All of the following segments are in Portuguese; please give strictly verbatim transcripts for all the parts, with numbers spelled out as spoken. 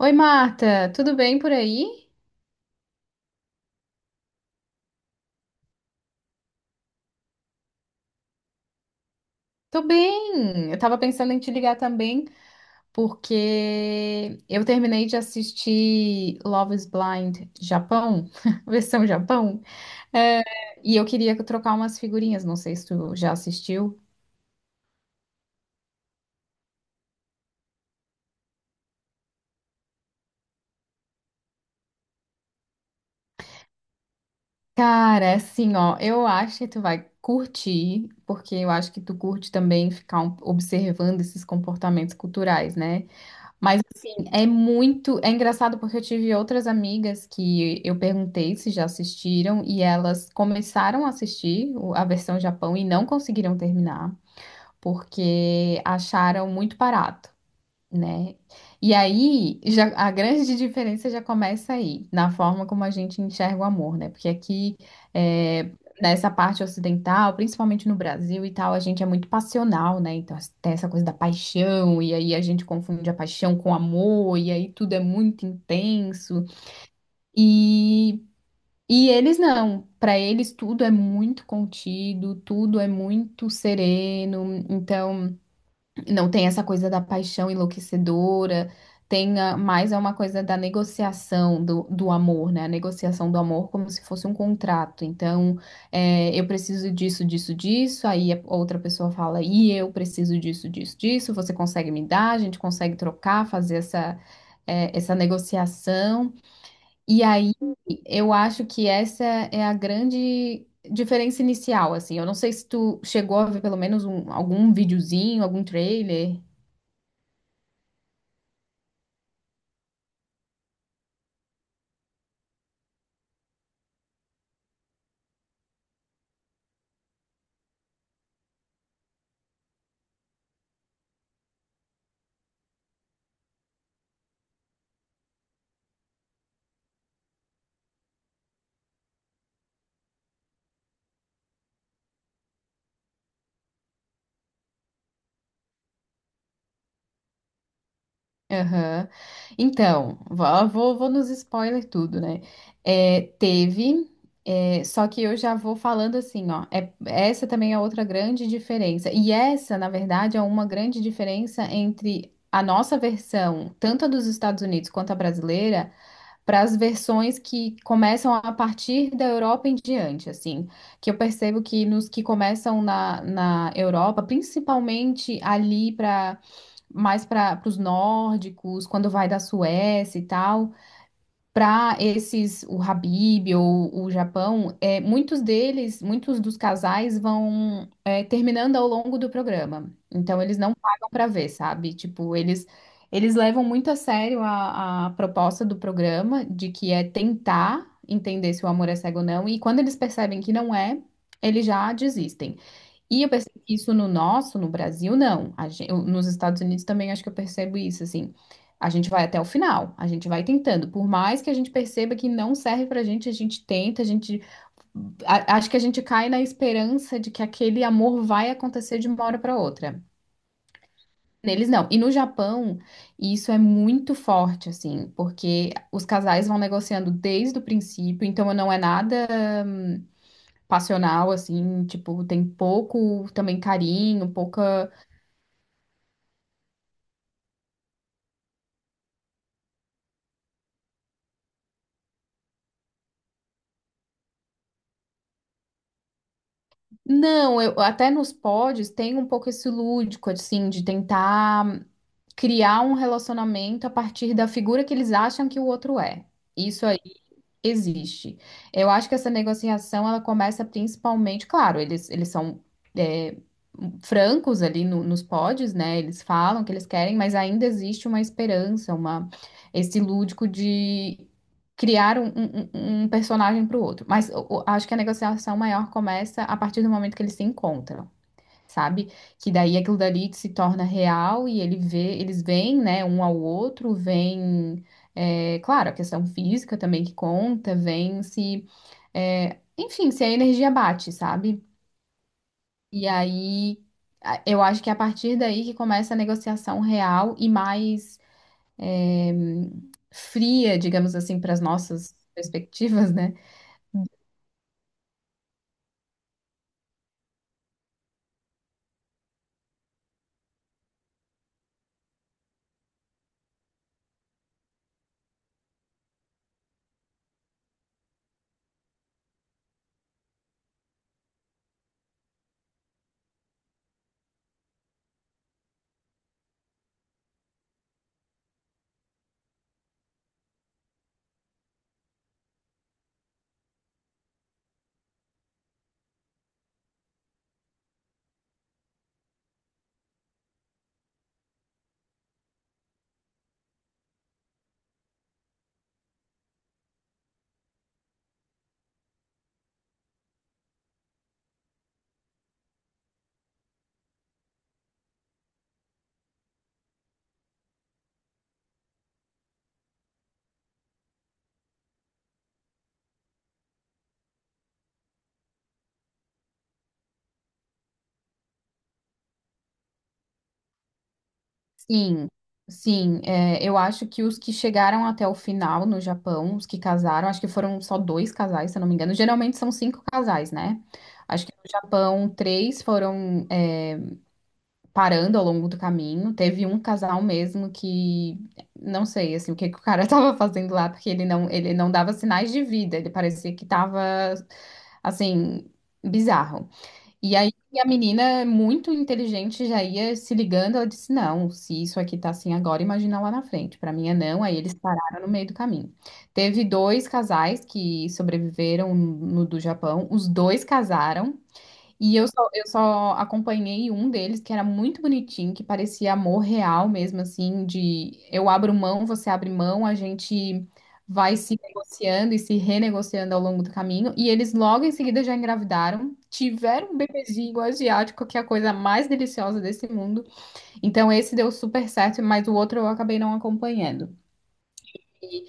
Oi, Marta, tudo bem por aí? Tô bem. Eu tava pensando em te ligar também, porque eu terminei de assistir Love is Blind Japão, versão Japão, é, e eu queria trocar umas figurinhas, não sei se tu já assistiu. Cara, é assim, ó, eu acho que tu vai curtir, porque eu acho que tu curte também ficar um- observando esses comportamentos culturais, né? Mas assim, é muito, é engraçado porque eu tive outras amigas que eu perguntei se já assistiram e elas começaram a assistir o- a versão Japão e não conseguiram terminar porque acharam muito barato, né? E aí, já, a grande diferença já começa aí, na forma como a gente enxerga o amor, né? Porque aqui, é, nessa parte ocidental, principalmente no Brasil e tal, a gente é muito passional, né? Então, tem essa coisa da paixão, e aí a gente confunde a paixão com amor, e aí tudo é muito intenso. E. E eles não, para eles tudo é muito contido, tudo é muito sereno, então não tem essa coisa da paixão enlouquecedora, tem a- mais é uma coisa da negociação do, do amor, né? A negociação do amor como se fosse um contrato. Então, é, eu preciso disso, disso, disso. Aí a outra pessoa fala, e eu preciso disso, disso, disso. Você consegue me dar? A gente consegue trocar, fazer essa, é, essa negociação. E aí eu acho que essa é a grande diferença inicial, assim. Eu não sei se tu chegou a ver pelo menos um, algum videozinho, algum trailer. Aham. Então, vou, vou, vou nos spoiler tudo, né? É, teve, é, só que eu já vou falando assim, ó. É- essa também é outra grande diferença. E essa, na verdade, é uma grande diferença entre a nossa versão, tanto a dos Estados Unidos quanto a brasileira, para as versões que começam a partir da Europa em diante, assim. Que eu percebo que nos que começam na, na Europa, principalmente ali para mais para os nórdicos, quando vai da Suécia e tal. Para esses, o Habib ou o Japão, é, muitos deles, muitos dos casais vão é, terminando ao longo do programa. Então, eles não pagam para ver, sabe? Tipo, eles, eles levam muito a sério a, a proposta do programa, de que é tentar entender se o amor é cego ou não. E quando eles percebem que não é, eles já desistem. E eu percebo que isso no nosso, no Brasil, não. A gen- eu- nos Estados Unidos também acho que eu percebo isso, assim. A gente vai até o final, a gente vai tentando. Por mais que a gente perceba que não serve pra gente, a gente tenta, a gente. A- acho que a gente cai na esperança de que aquele amor vai acontecer de uma hora pra outra. Neles não. E no Japão, isso é muito forte, assim, porque os casais vão negociando desde o princípio, então não é nada passional, assim, tipo, tem pouco também carinho, pouca. Não, eu, até nos pods tem um pouco esse lúdico, assim, de tentar criar um relacionamento a partir da figura que eles acham que o outro é. Isso aí existe. Eu acho que essa negociação ela começa principalmente, claro, eles, eles são é, francos ali no- nos pods, né? Eles falam o que eles querem, mas ainda existe uma esperança, uma, esse lúdico de criar um, um- um- um personagem para o outro. Mas o- o- acho que a negociação maior começa a partir do momento que eles se encontram, sabe? Que daí aquilo dali se torna real e ele vê, eles veem, né, um ao outro, vem, é, claro, a questão física também que conta, vem se, é, enfim, se a energia bate, sabe? E aí a- eu acho que é a partir daí que começa a negociação real e mais é, fria, digamos assim, para as nossas perspectivas, né? Sim, sim. é, eu acho que os que chegaram até o final no Japão, os que casaram, acho que foram só dois casais, se eu não me engano. Geralmente são cinco casais, né? Acho que no Japão, três foram, é, parando ao longo do caminho. Teve um casal mesmo que não sei assim, o que que o cara estava fazendo lá, porque ele não, ele não dava sinais de vida, ele parecia que estava assim, bizarro. E aí a menina, muito inteligente, já ia se ligando. Ela disse: Não, se isso aqui tá assim agora, imagina lá na frente. Para mim é não. Aí eles pararam no meio do caminho. Teve dois casais que sobreviveram no do Japão. Os dois casaram. E eu só, eu só acompanhei um deles que era muito bonitinho, que parecia amor real mesmo, assim, de eu abro mão, você abre mão, a gente vai se negociando e se renegociando ao longo do caminho. E eles logo em seguida já engravidaram, tiveram um bebezinho asiático, que é a coisa mais deliciosa desse mundo. Então esse deu super certo, mas o outro eu acabei não acompanhando. E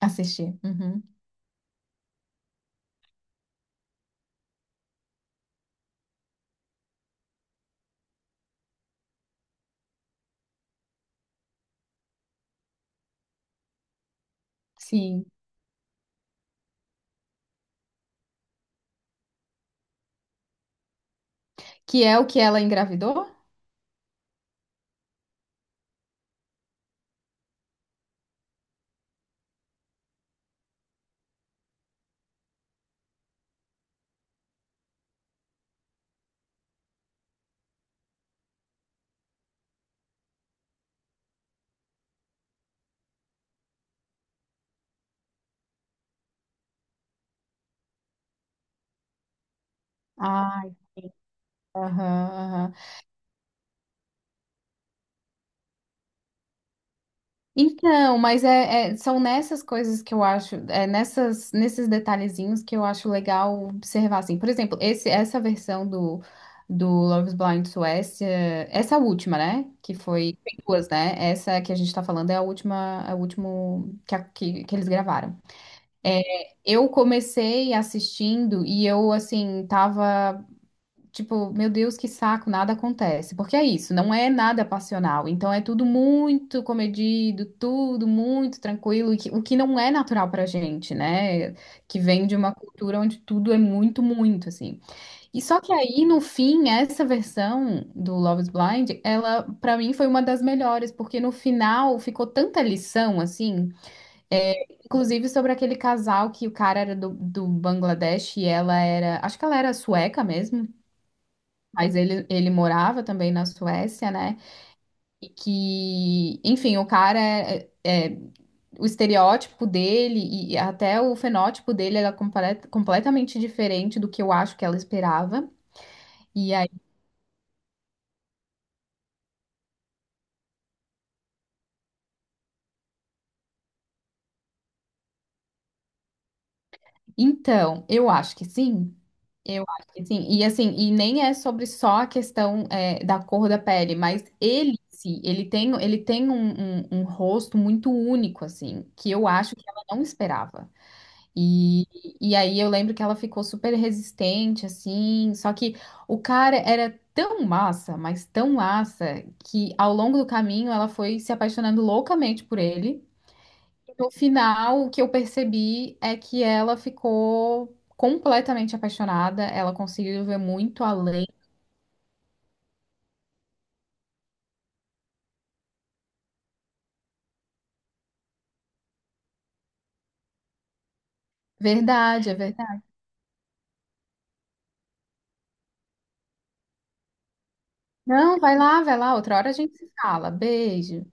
assisti. Uhum. Sim. Que é o que ela engravidou? Ai, sim. Aham, aham. Então, mas é, é- são nessas coisas que eu acho, é nessas, nesses detalhezinhos que eu acho legal observar, assim. Por exemplo, esse, essa versão do, do Love is Blind Suécia, essa última, né? Que foi, tem duas, né? Essa que a gente tá falando é a última, a último que, a- que, que eles gravaram. É, eu comecei assistindo e eu, assim, tava tipo, meu Deus, que saco, nada acontece. Porque é isso, não é nada passional. Então é tudo muito comedido, tudo muito tranquilo, e que- o que não é natural pra gente, né? Que vem de uma cultura onde tudo é muito, muito, assim. E só que aí, no fim, essa versão do Love is Blind, ela, pra mim, foi uma das melhores, porque no final ficou tanta lição, assim, é, inclusive sobre aquele casal que o cara era do, do Bangladesh e ela era, acho que ela era sueca mesmo. Mas ele, ele morava também na Suécia, né? E que, enfim, o cara é, é- é, o estereótipo dele e e até o fenótipo dele era complet- completamente diferente do que eu acho que ela esperava. E aí, então, eu acho que sim. Eu acho que sim. E assim, e nem é sobre só a questão é, da cor da pele, mas ele, sim, ele tem, ele tem um, um um rosto muito único, assim, que eu acho que ela não esperava. E, e aí eu lembro que ela ficou super resistente, assim, só que o cara era tão massa, mas tão massa, que ao longo do caminho ela foi se apaixonando loucamente por ele. No final, o que eu percebi é que ela ficou completamente apaixonada, ela conseguiu ver muito além. Verdade, é verdade. Não, vai lá, vai lá, outra hora a gente se fala. Beijo.